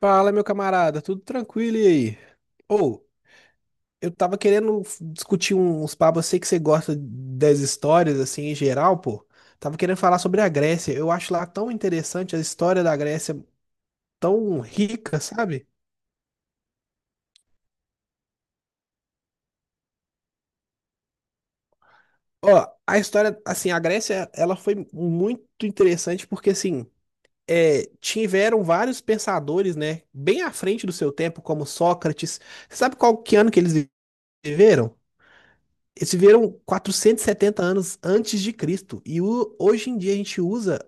Fala, meu camarada, tudo tranquilo e aí? Ou, eu tava querendo discutir uns papos, eu sei que você gosta das histórias, assim, em geral, pô. Tava querendo falar sobre a Grécia. Eu acho lá tão interessante a história da Grécia, tão rica, sabe? Ó, a história, assim, a Grécia, ela foi muito interessante porque, assim, tiveram vários pensadores, né, bem à frente do seu tempo, como Sócrates. Sabe qual que ano que eles viveram? Eles viveram 470 anos antes de Cristo. Hoje em dia a gente usa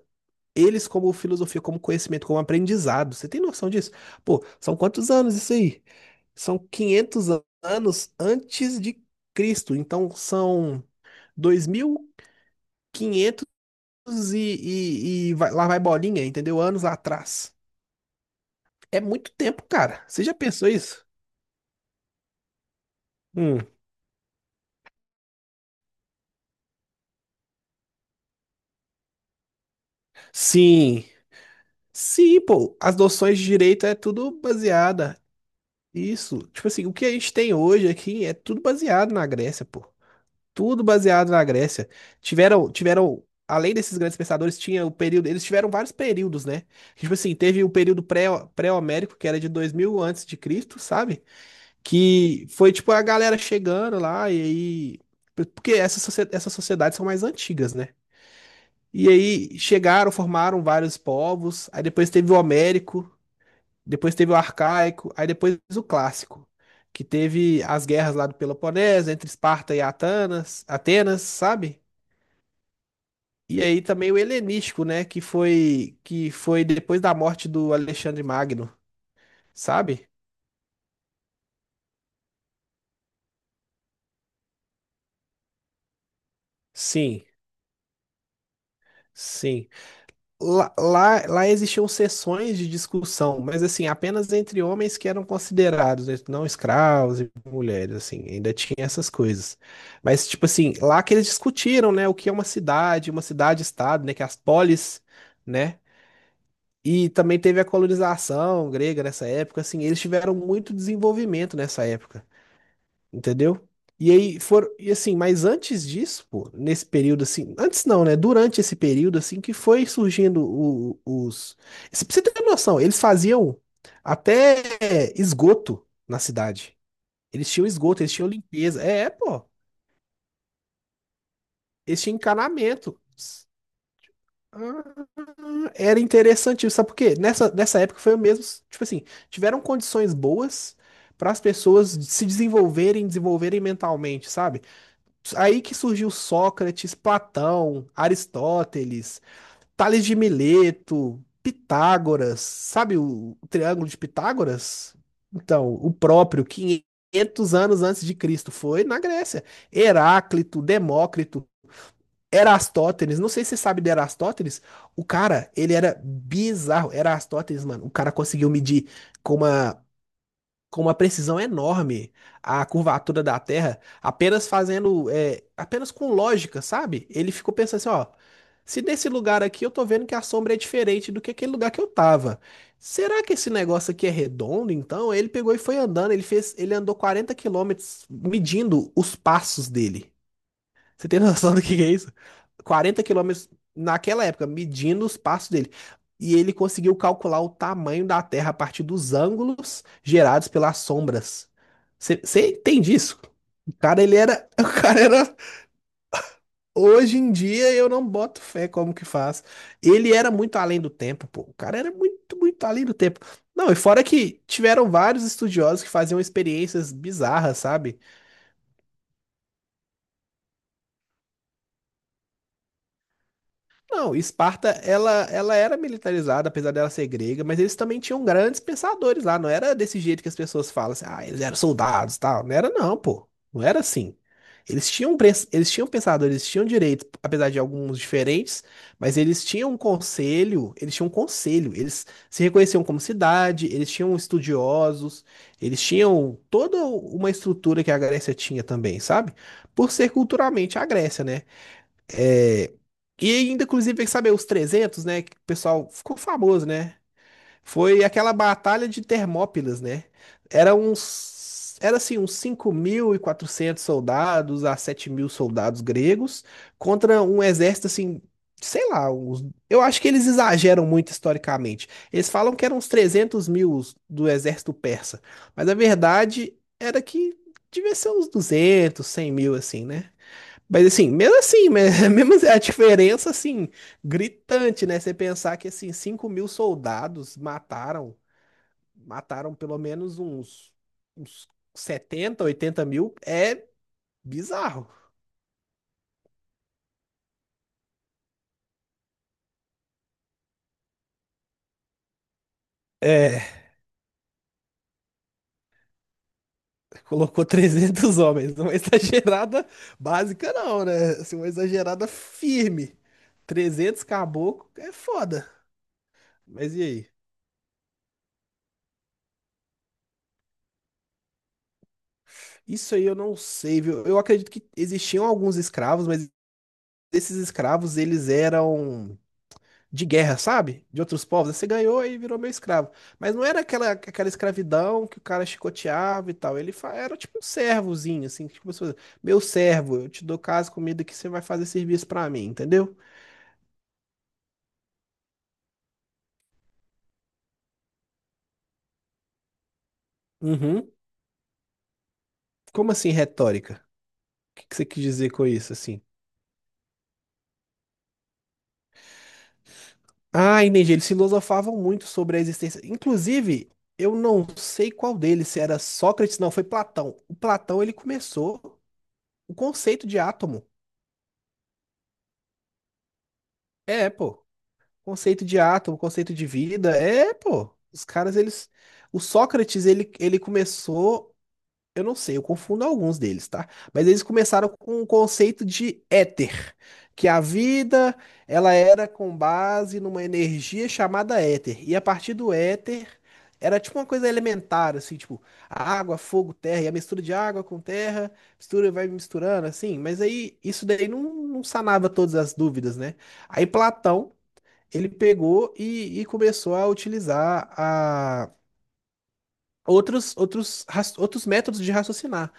eles como filosofia, como conhecimento, como aprendizado. Você tem noção disso? Pô, são quantos anos isso aí? São 500 anos antes de Cristo. Então são 2.500 e, quinhentos e, lá vai bolinha, entendeu? Anos atrás. É muito tempo, cara. Você já pensou isso? Hum. Sim. Sim, pô, as noções de direito é tudo baseada. Isso, tipo assim, o que a gente tem hoje aqui é tudo baseado na Grécia, pô. Tudo baseado na Grécia. Tiveram, tiveram, além desses grandes pensadores, tinha o período, eles tiveram vários períodos, né? Tipo assim, teve o período pré-homérico, que era de 2.000 antes de Cristo, sabe? Que foi tipo a galera chegando lá e aí, porque essas sociedades são mais antigas, né? E aí chegaram, formaram vários povos, aí depois teve o Homérico, depois teve o arcaico, aí depois o clássico, que teve as guerras lá do Peloponeso, entre Esparta e Atenas, sabe? E aí também o helenístico, né, que foi depois da morte do Alexandre Magno, sabe? Sim, sim. Lá existiam sessões de discussão, mas assim, apenas entre homens que eram considerados, né, não escravos e mulheres, assim, ainda tinha essas coisas. Mas, tipo assim, lá que eles discutiram, né, o que é uma cidade, uma cidade-estado, né, que é as polis, né, e também teve a colonização grega nessa época, assim, eles tiveram muito desenvolvimento nessa época. Entendeu? E aí foram, e assim, mas antes disso, pô, nesse período assim, antes não, né? Durante esse período assim que foi surgindo o- os, se- pra você ter noção, eles faziam até esgoto na cidade. Eles tinham esgoto, eles tinham limpeza. Pô, eles tinham encanamento. Ah, era interessante, sabe por quê? Nessa época foi o mesmo, tipo assim, tiveram condições boas para as pessoas se desenvolverem, desenvolverem mentalmente, sabe? Aí que surgiu Sócrates, Platão, Aristóteles, Tales de Mileto, Pitágoras, sabe o Triângulo de Pitágoras? Então, o próprio 500 anos antes de Cristo foi na Grécia. Heráclito, Demócrito, Erastótenes, não sei se você sabe de Erastótenes, o cara, ele era bizarro. Erastótenes, mano, o cara conseguiu medir com uma com uma precisão enorme a curvatura da Terra, apenas fazendo, apenas com lógica, sabe? Ele ficou pensando assim, ó, se desse lugar aqui eu tô vendo que a sombra é diferente do que aquele lugar que eu tava. Será que esse negócio aqui é redondo, então? Ele pegou e foi andando, ele andou 40 quilômetros medindo os passos dele. Você tem noção do que é isso? 40 quilômetros naquela época, medindo os passos dele. E ele conseguiu calcular o tamanho da Terra a partir dos ângulos gerados pelas sombras. Você entende isso? O cara, ele era. O cara era. Hoje em dia eu não boto fé como que faz. Ele era muito além do tempo, pô. O cara era muito, muito além do tempo. Não, e fora que tiveram vários estudiosos que faziam experiências bizarras, sabe? Não, Esparta, ela era militarizada, apesar dela ser grega, mas eles também tinham grandes pensadores lá. Não era desse jeito que as pessoas falam, assim, ah, eles eram soldados, tal. Não era não, pô. Não era assim. Eles tinham pensadores, eles tinham direitos, apesar de alguns diferentes, mas eles tinham um conselho, eles se reconheciam como cidade, eles tinham estudiosos, eles tinham toda uma estrutura que a Grécia tinha também, sabe? Por ser culturalmente a Grécia, né? É, e ainda, inclusive, sabe, os 300, né? Que o pessoal ficou famoso, né? Foi aquela batalha de Termópilas, né? Era assim, uns 5.400 soldados a 7.000 soldados gregos contra um exército, assim, sei lá, eu acho que eles exageram muito historicamente. Eles falam que eram uns 300.000 do exército persa, mas a verdade era que devia ser uns 200, 100.000, assim, né? Mas assim, mesmo assim, mesmo a diferença assim, gritante, né? Você pensar que assim, 5.000 soldados mataram pelo menos uns 70 80 mil, é bizarro. É, colocou 300 homens, uma exagerada básica não, né? Assim, uma exagerada firme. 300 caboclo é foda. Mas e aí? Isso aí eu não sei, viu? Eu acredito que existiam alguns escravos, mas esses escravos, eles eram de guerra, sabe? De outros povos. Aí você ganhou e virou meu escravo. Mas não era aquela escravidão que o cara chicoteava e tal. Era tipo um servozinho, assim, tipo, como meu servo, eu te dou casa, comida que você vai fazer serviço pra mim, entendeu? Uhum. Como assim retórica? O que que você quis dizer com isso, assim? Ah, entendi. Eles filosofavam muito sobre a existência. Inclusive, eu não sei qual deles, se era Sócrates, não, foi Platão. O Platão, ele começou o conceito de átomo. É, pô. Conceito de átomo, conceito de vida, é, pô. Os caras, eles. O Sócrates, ele começou. Eu não sei, eu confundo alguns deles, tá? Mas eles começaram com o conceito de éter, que a vida, ela era com base numa energia chamada éter. E a partir do éter, era tipo uma coisa elementar, assim, tipo, água, fogo, terra, e a mistura de água com terra, mistura, vai misturando, assim. Mas aí, isso daí não, não sanava todas as dúvidas, né? Aí Platão ele pegou e começou a utilizar a outros métodos de raciocinar.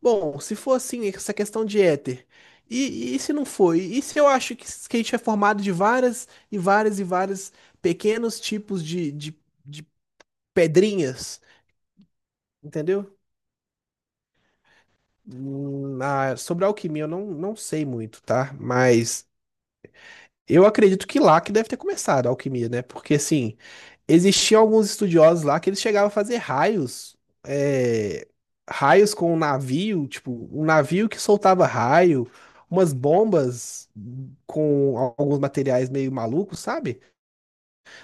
Bom, se for assim, essa questão de éter, e se não foi? E se eu acho que a gente é formado de várias e várias e várias pequenos tipos de pedrinhas, entendeu? Ah, sobre a alquimia eu não, não sei muito, tá? Mas eu acredito que lá que deve ter começado a alquimia, né? Porque, assim, existiam alguns estudiosos lá que eles chegavam a fazer raios, é, raios com um navio, tipo, um navio que soltava raio, umas bombas com alguns materiais meio malucos, sabe?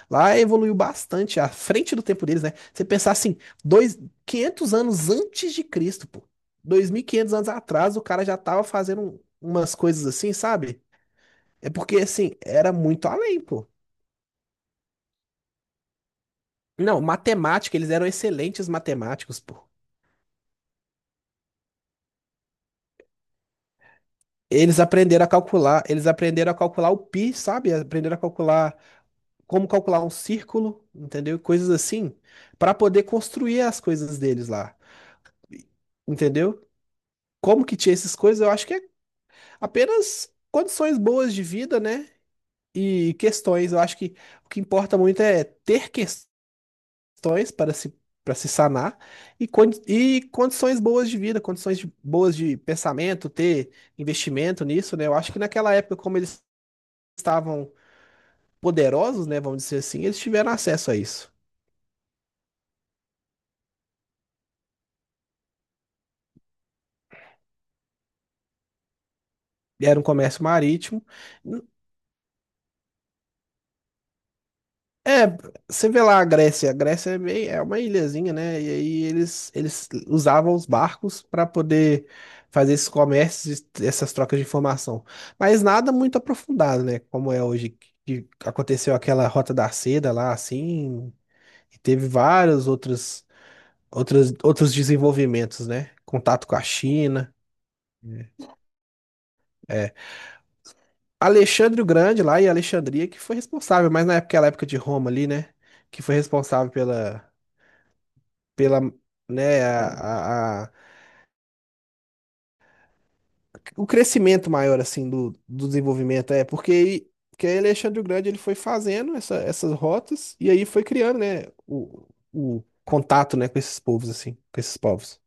Lá evoluiu bastante, à frente do tempo deles, né? Você pensar assim, dois, 500 anos antes de Cristo, pô. 2.500 anos atrás, o cara já tava fazendo umas coisas assim, sabe? É porque, assim, era muito além, pô. Não, matemática, eles eram excelentes matemáticos, pô. Eles aprenderam a calcular o pi, sabe? Aprenderam a calcular como calcular um círculo, entendeu? Coisas assim, para poder construir as coisas deles lá. Entendeu? Como que tinha essas coisas? Eu acho que é apenas condições boas de vida, né? E questões. Eu acho que o que importa muito é ter questões para se sanar e, e condições boas de vida, boas de pensamento, ter investimento nisso, né? Eu acho que naquela época, como eles estavam poderosos, né, vamos dizer assim, eles tiveram acesso a isso. Era um comércio marítimo. É, você vê lá a Grécia, é meio, uma ilhazinha, né? E aí eles usavam os barcos para poder fazer esses comércios, e essas trocas de informação. Mas nada muito aprofundado, né? Como é hoje, que aconteceu aquela Rota da Seda lá, assim, e teve vários outros desenvolvimentos, né? Contato com a China. É. É. Alexandre o Grande lá e Alexandria que foi responsável, mas na época, aquela época de Roma ali, né? Que foi responsável pela pela, né, a, a- a- o crescimento maior, assim, do desenvolvimento, porque, aí Alexandre o Grande, ele foi fazendo essas rotas, e aí foi criando, né, o contato, né, com esses povos, assim, com esses povos.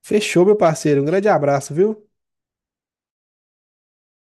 Fechou, meu parceiro, um grande abraço, viu?